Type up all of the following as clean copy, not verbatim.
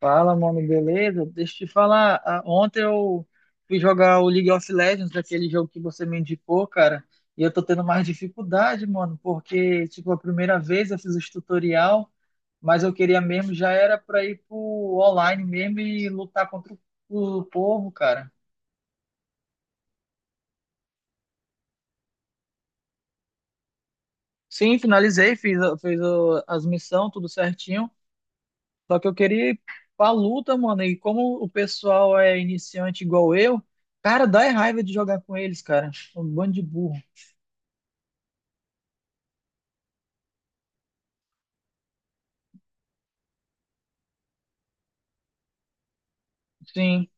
Fala, mano, beleza? Deixa eu te falar. Ah, ontem eu fui jogar o League of Legends, aquele jogo que você me indicou, cara, e eu tô tendo mais dificuldade, mano, porque, tipo, a primeira vez eu fiz os tutorial, mas eu queria mesmo, já era pra ir pro online mesmo e lutar contra o povo, cara. Sim, finalizei, fiz as missões, tudo certinho. Só que eu queria ir pra luta, mano. E como o pessoal é iniciante igual eu, cara, dá é raiva de jogar com eles, cara. Um bando de burro. Sim.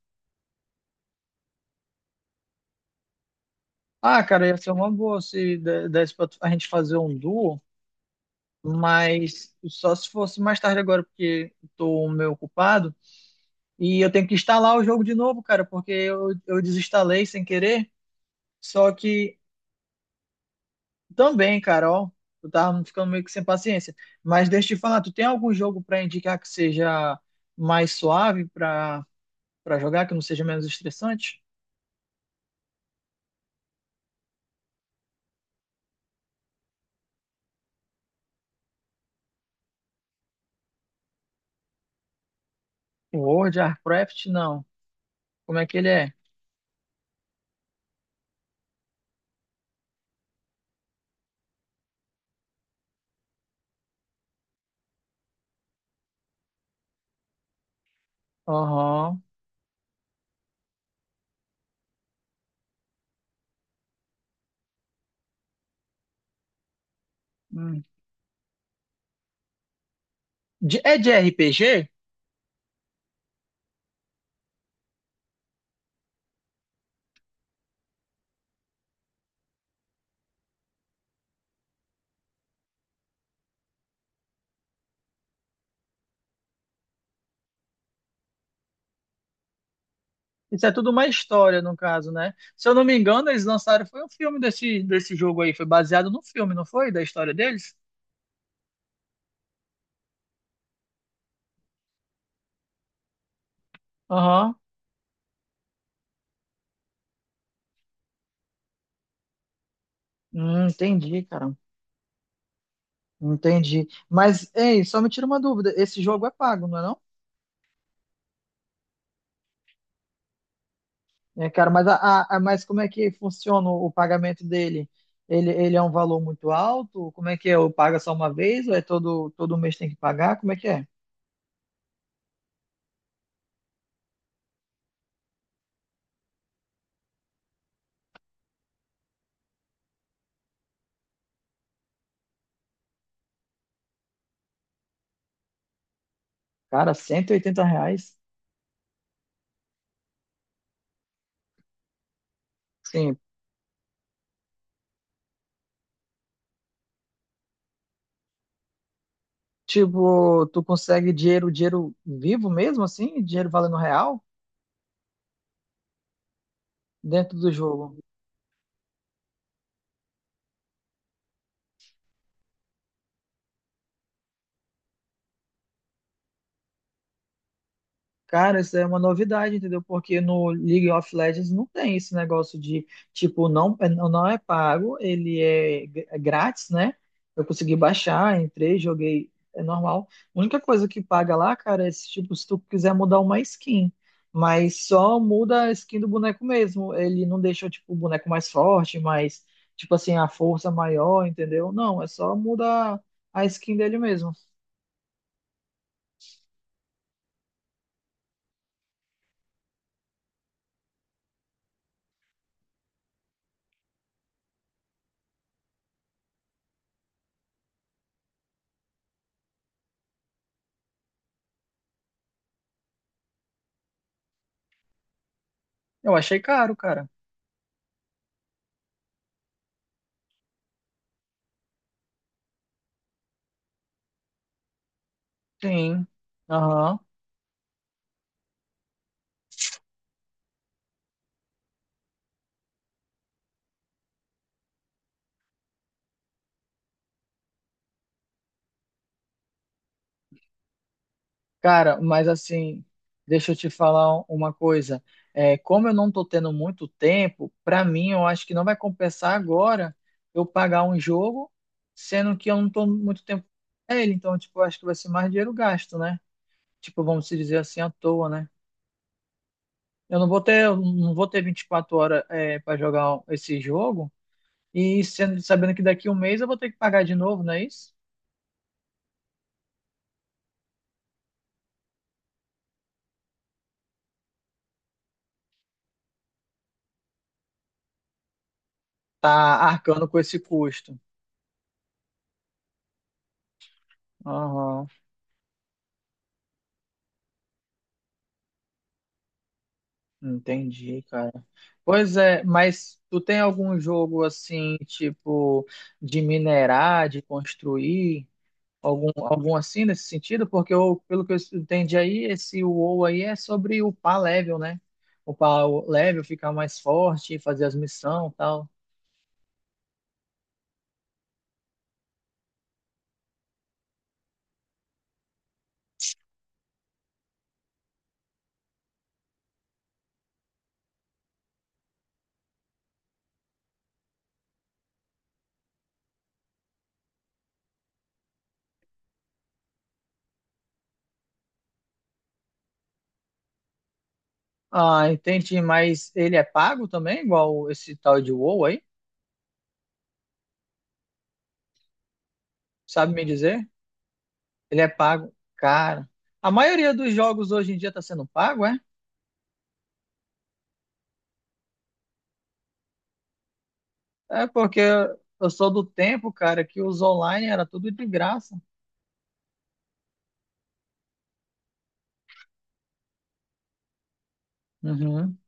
Ah, cara, ia ser uma boa se desse pra a gente fazer um duo, mas só se fosse mais tarde agora, porque eu tô um meio ocupado. E eu tenho que instalar o jogo de novo, cara, porque eu desinstalei sem querer. Só que Também, Carol. Eu tava ficando meio que sem paciência. Mas deixa eu te falar, tu tem algum jogo para indicar que seja mais suave para jogar, que não seja menos estressante? World, Warcraft, não. Como é que ele é? Aham. Hum. É de RPG? Isso é tudo uma história, no caso, né? Se eu não me engano, eles lançaram, foi um filme desse, desse jogo aí, foi baseado no filme, não foi? Da história deles? Aham. Entendi, cara. Entendi. Mas, ei, só me tira uma dúvida. Esse jogo é pago, não é não? É, cara, mas, mas como é que funciona o pagamento dele? Ele é um valor muito alto? Como é que é? Eu paga só uma vez ou é todo mês tem que pagar? Como é que é? Cara, R$ 180? Sim. Tipo, tu consegue dinheiro, dinheiro vivo mesmo, assim? Dinheiro valendo real dentro do jogo? Cara, isso é uma novidade, entendeu? Porque no League of Legends não tem esse negócio de, tipo, não, é, não é pago, ele é grátis, né? Eu consegui baixar, entrei, joguei, é normal. A única coisa que paga lá, cara, é se, tipo, se tu quiser mudar uma skin. Mas só muda a skin do boneco mesmo. Ele não deixa, tipo, o boneco mais forte, mais, tipo assim, a força maior, entendeu? Não, é só mudar a skin dele mesmo. Eu achei caro, cara. Sim. Aham. Cara, mas assim, deixa eu te falar uma coisa. É, como eu não estou tendo muito tempo, para mim eu acho que não vai compensar agora eu pagar um jogo, sendo que eu não estou muito tempo com ele. Então, tipo, eu acho que vai ser mais dinheiro gasto, né? Tipo, vamos se dizer assim, à toa, né? Eu não vou ter 24 horas, é, para jogar esse jogo e sendo, sabendo que daqui a um mês eu vou ter que pagar de novo, não é isso? Tá arcando com esse custo. Aham. Entendi, cara. Pois é, mas tu tem algum jogo assim, tipo, de minerar, de construir, algum, algum assim nesse sentido? Porque eu, pelo que eu entendi aí, esse WoW aí é sobre upar level, né? Upar o level, ficar mais forte, fazer as missões e tal. Ah, entendi, mas ele é pago também, igual esse tal de WoW aí? Sabe me dizer? Ele é pago, cara. A maioria dos jogos hoje em dia tá sendo pago, é? É porque eu sou do tempo, cara, que os online era tudo de graça. Uhum.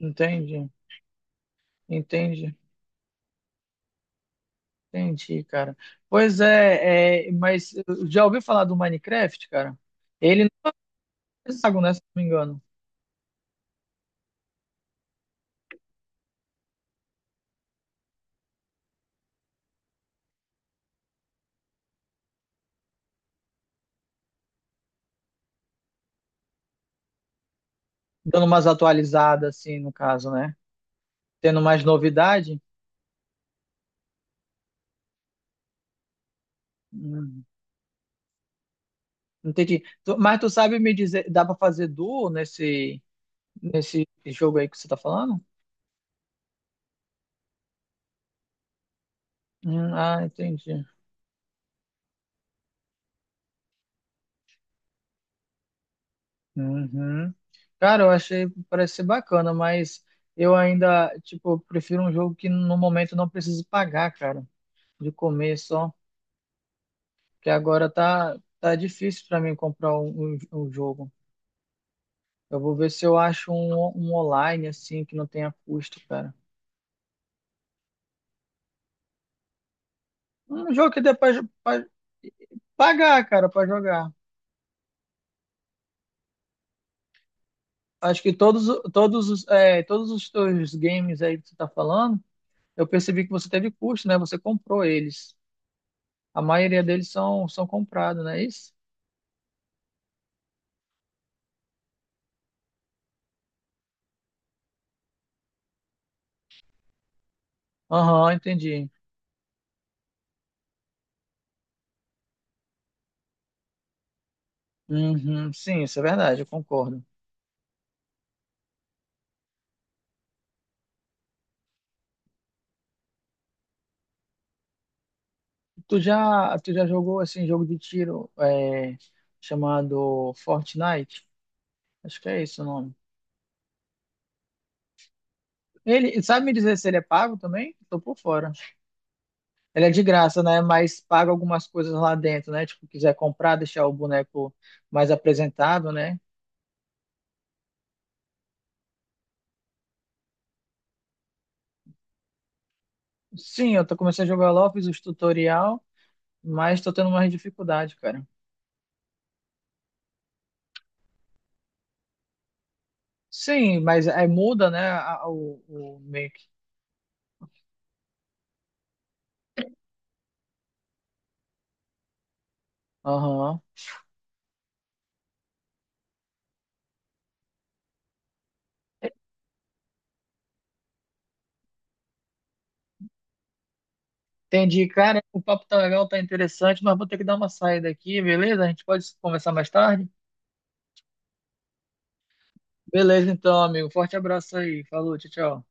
entende, Entendi, entendi, cara. Pois é, é, mas já ouviu falar do Minecraft, cara? Ele não é pago, né, se não me engano. Dando umas atualizadas, assim, no caso, né? Tendo mais novidade. Hum, entendi. Tu- Mas tu sabe me dizer, dá pra fazer duo nesse, nesse jogo aí que você tá falando? Ah, entendi. Uhum. Cara, eu achei, parece ser bacana, mas eu ainda, tipo, prefiro um jogo que no momento não precise pagar, cara, de comer só, que agora tá, tá difícil pra mim comprar um jogo. Eu vou ver se eu acho um online, assim, que não tenha custo, cara. Um jogo que dê pra, jo- pra pagar, cara, pra jogar. Acho que todos, todos os, é, todos os teus games aí que você tá falando, eu percebi que você teve custo, né? Você comprou eles. A maioria deles são comprados, não é isso? Aham, entendi. Uhum, sim, isso é verdade, eu concordo. Tu já jogou assim jogo de tiro é, chamado Fortnite? Acho que é esse o nome. Ele, sabe me dizer se ele é pago também? Tô por fora. Ele é de graça, né? Mas paga algumas coisas lá dentro, né? Tipo, quiser comprar, deixar o boneco mais apresentável, né? Sim, eu tô, começando a jogar LoL, fiz os tutorial, mas tô tendo mais dificuldade, cara. Sim, mas aí muda, né, o make. Aham. Entendi. Cara, o papo tá legal, tá interessante, mas vou ter que dar uma saída aqui, beleza? A gente pode conversar mais tarde? Beleza, então, amigo. Forte abraço aí. Falou, tchau, tchau.